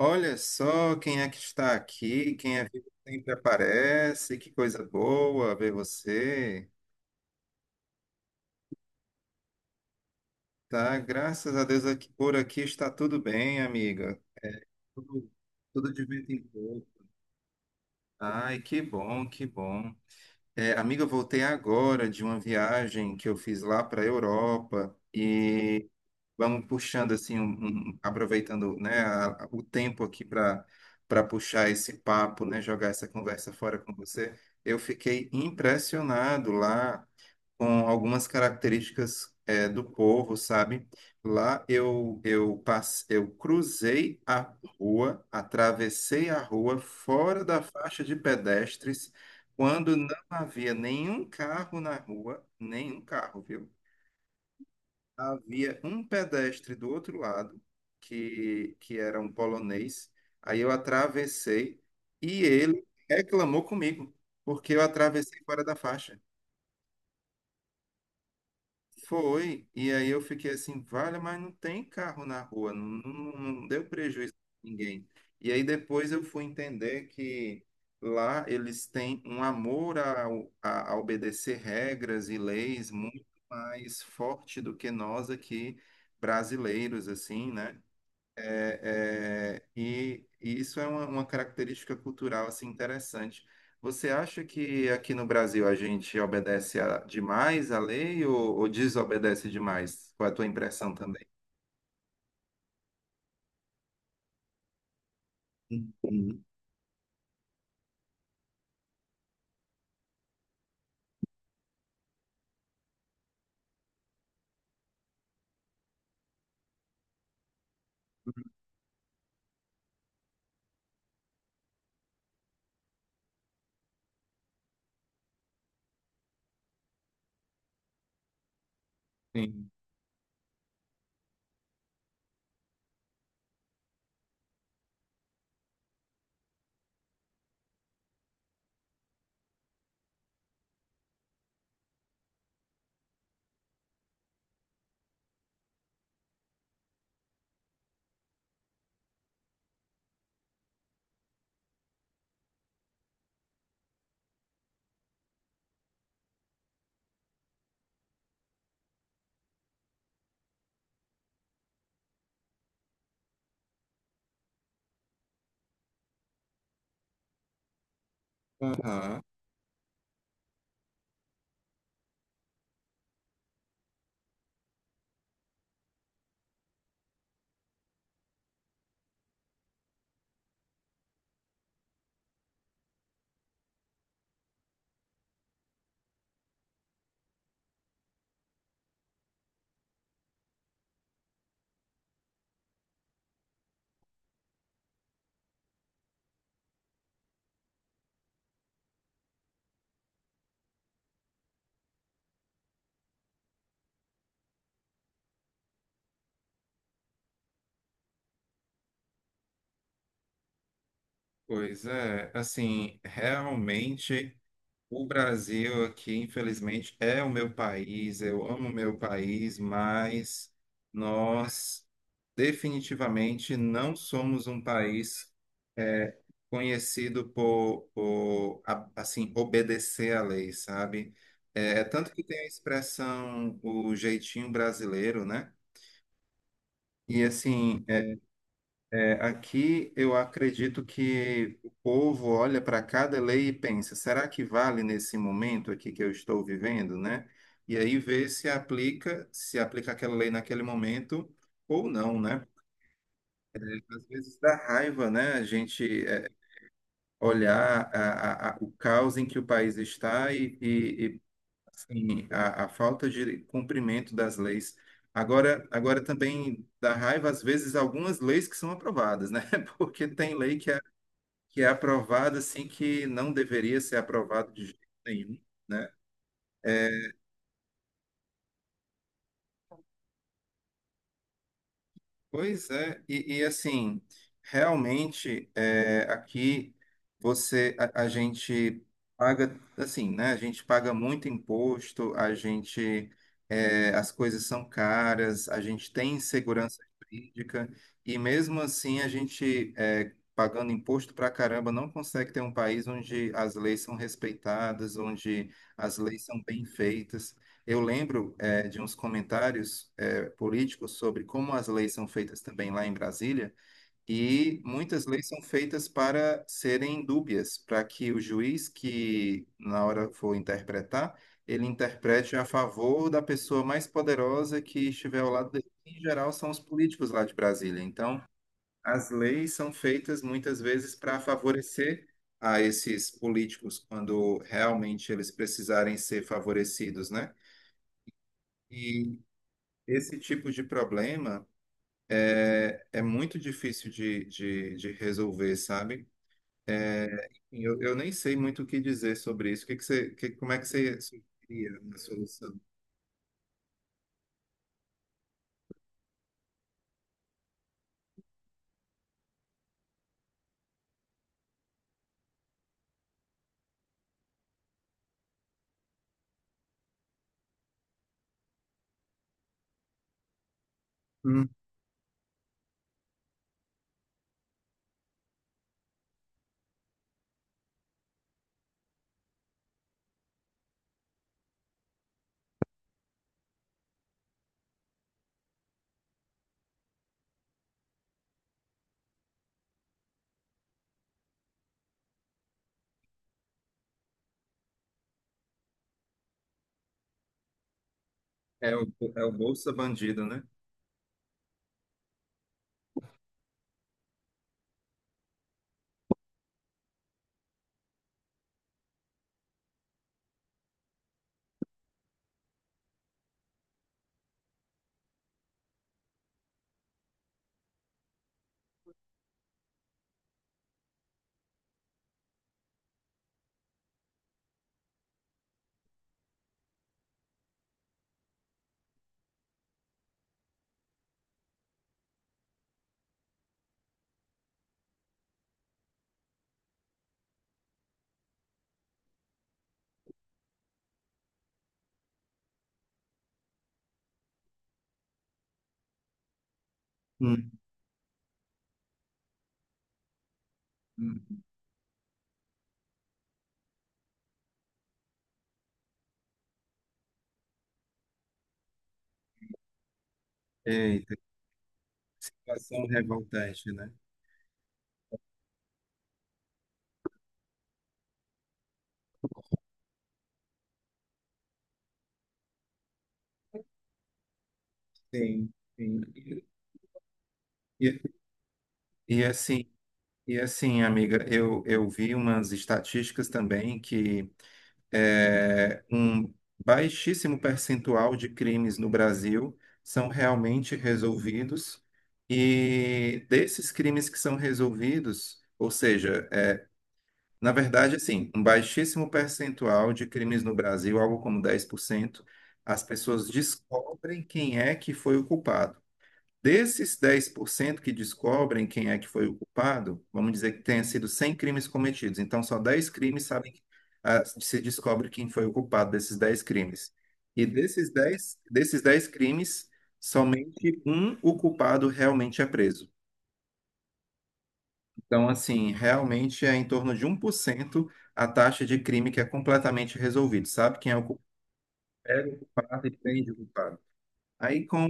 Olha só quem é que está aqui, quem é vivo sempre aparece, que coisa boa ver você. Tá, graças a Deus aqui, por aqui está tudo bem, amiga. Tudo, tudo de vento em pouco. Ai, que bom, que bom. É, amiga, eu voltei agora de uma viagem que eu fiz lá para a Europa. Vamos puxando assim, aproveitando, né, o tempo aqui para puxar esse papo, né, jogar essa conversa fora com você. Eu fiquei impressionado lá com algumas características do povo, sabe? Lá eu cruzei a rua, atravessei a rua fora da faixa de pedestres, quando não havia nenhum carro na rua, nenhum carro, viu? Havia um pedestre do outro lado, que era um polonês. Aí eu atravessei e ele reclamou comigo, porque eu atravessei fora da faixa. Foi, e aí eu fiquei assim, vale, mas não tem carro na rua, não, não, não deu prejuízo a ninguém. E aí depois eu fui entender que lá eles têm um amor a obedecer regras e leis muito mais forte do que nós aqui brasileiros, assim, né? É, é, e isso é uma característica cultural assim interessante. Você acha que aqui no Brasil a gente obedece demais à lei ou desobedece demais? Qual é a tua impressão também? Uhum. Sim. Aham. Pois é, assim, realmente o Brasil aqui, infelizmente, é o meu país, eu amo o meu país, mas nós definitivamente não somos um país é, conhecido por, assim, obedecer à lei, sabe? É, é tanto que tem a expressão o jeitinho brasileiro, né? E assim, é, aqui eu acredito que o povo olha para cada lei e pensa, será que vale nesse momento aqui que eu estou vivendo, né? E aí vê se aplica, se aplica aquela lei naquele momento ou não, né? Às vezes dá raiva, né? A gente olhar o caos em que o país está assim, a falta de cumprimento das leis. Agora, agora também dá raiva, às vezes, algumas leis que são aprovadas, né? Porque tem lei que é aprovada assim que não deveria ser aprovada de jeito nenhum, né? Pois é, assim, realmente aqui você a gente paga assim, né? A gente paga muito imposto, a gente as coisas são caras, a gente tem insegurança jurídica, e mesmo assim a gente pagando imposto pra caramba não consegue ter um país onde as leis são respeitadas, onde as leis são bem feitas. Eu lembro de uns comentários políticos sobre como as leis são feitas também lá em Brasília, e muitas leis são feitas para serem dúbias, para que o juiz que na hora for interpretar, ele interprete a favor da pessoa mais poderosa que estiver ao lado dele. Em geral, são os políticos lá de Brasília. Então, as leis são feitas muitas vezes para favorecer a esses políticos quando realmente eles precisarem ser favorecidos, né? E esse tipo de problema é muito difícil de resolver, sabe? Eu nem sei muito o que dizer sobre isso. O que que como é que você sugeria a solução? Hum. É o, é o Bolsa Bandido, né? Hum. Hum. Eita, situação revoltante, né? Sim, sim. E, e assim, e assim, amiga, eu vi umas estatísticas também que um baixíssimo percentual de crimes no Brasil são realmente resolvidos, e desses crimes que são resolvidos, ou seja, na verdade, assim, um baixíssimo percentual de crimes no Brasil, algo como 10%, as pessoas descobrem quem é que foi o culpado. Desses 10% que descobrem quem é que foi o culpado, vamos dizer que tenha sido 100 crimes cometidos. Então, só 10 crimes sabem, ah, se descobre quem foi o culpado desses 10 crimes. E desses 10 crimes, somente um o culpado realmente é preso. Então, assim, realmente é em torno de 1% a taxa de crime que é completamente resolvido. Sabe quem é o culpado? Pega o culpado e prende o culpado. Aí, com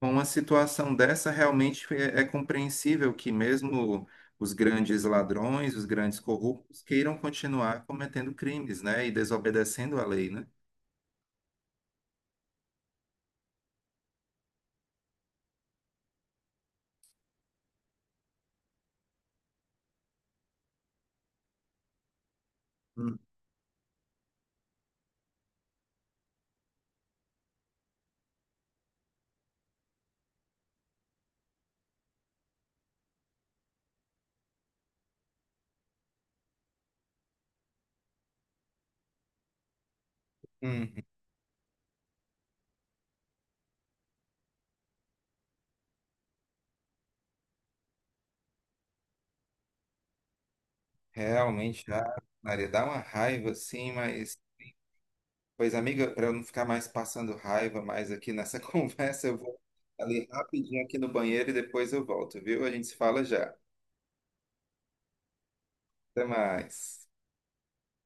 Com uma situação dessa, realmente é compreensível que mesmo os grandes ladrões, os grandes corruptos, queiram continuar cometendo crimes, né, e desobedecendo a lei, né? Hum. Hum, realmente, dá, Maria, dá uma raiva, sim, mas, pois, amiga, para eu não ficar mais passando raiva mais aqui nessa conversa, eu vou ali rapidinho aqui no banheiro e depois eu volto, viu? A gente se fala já. Até mais.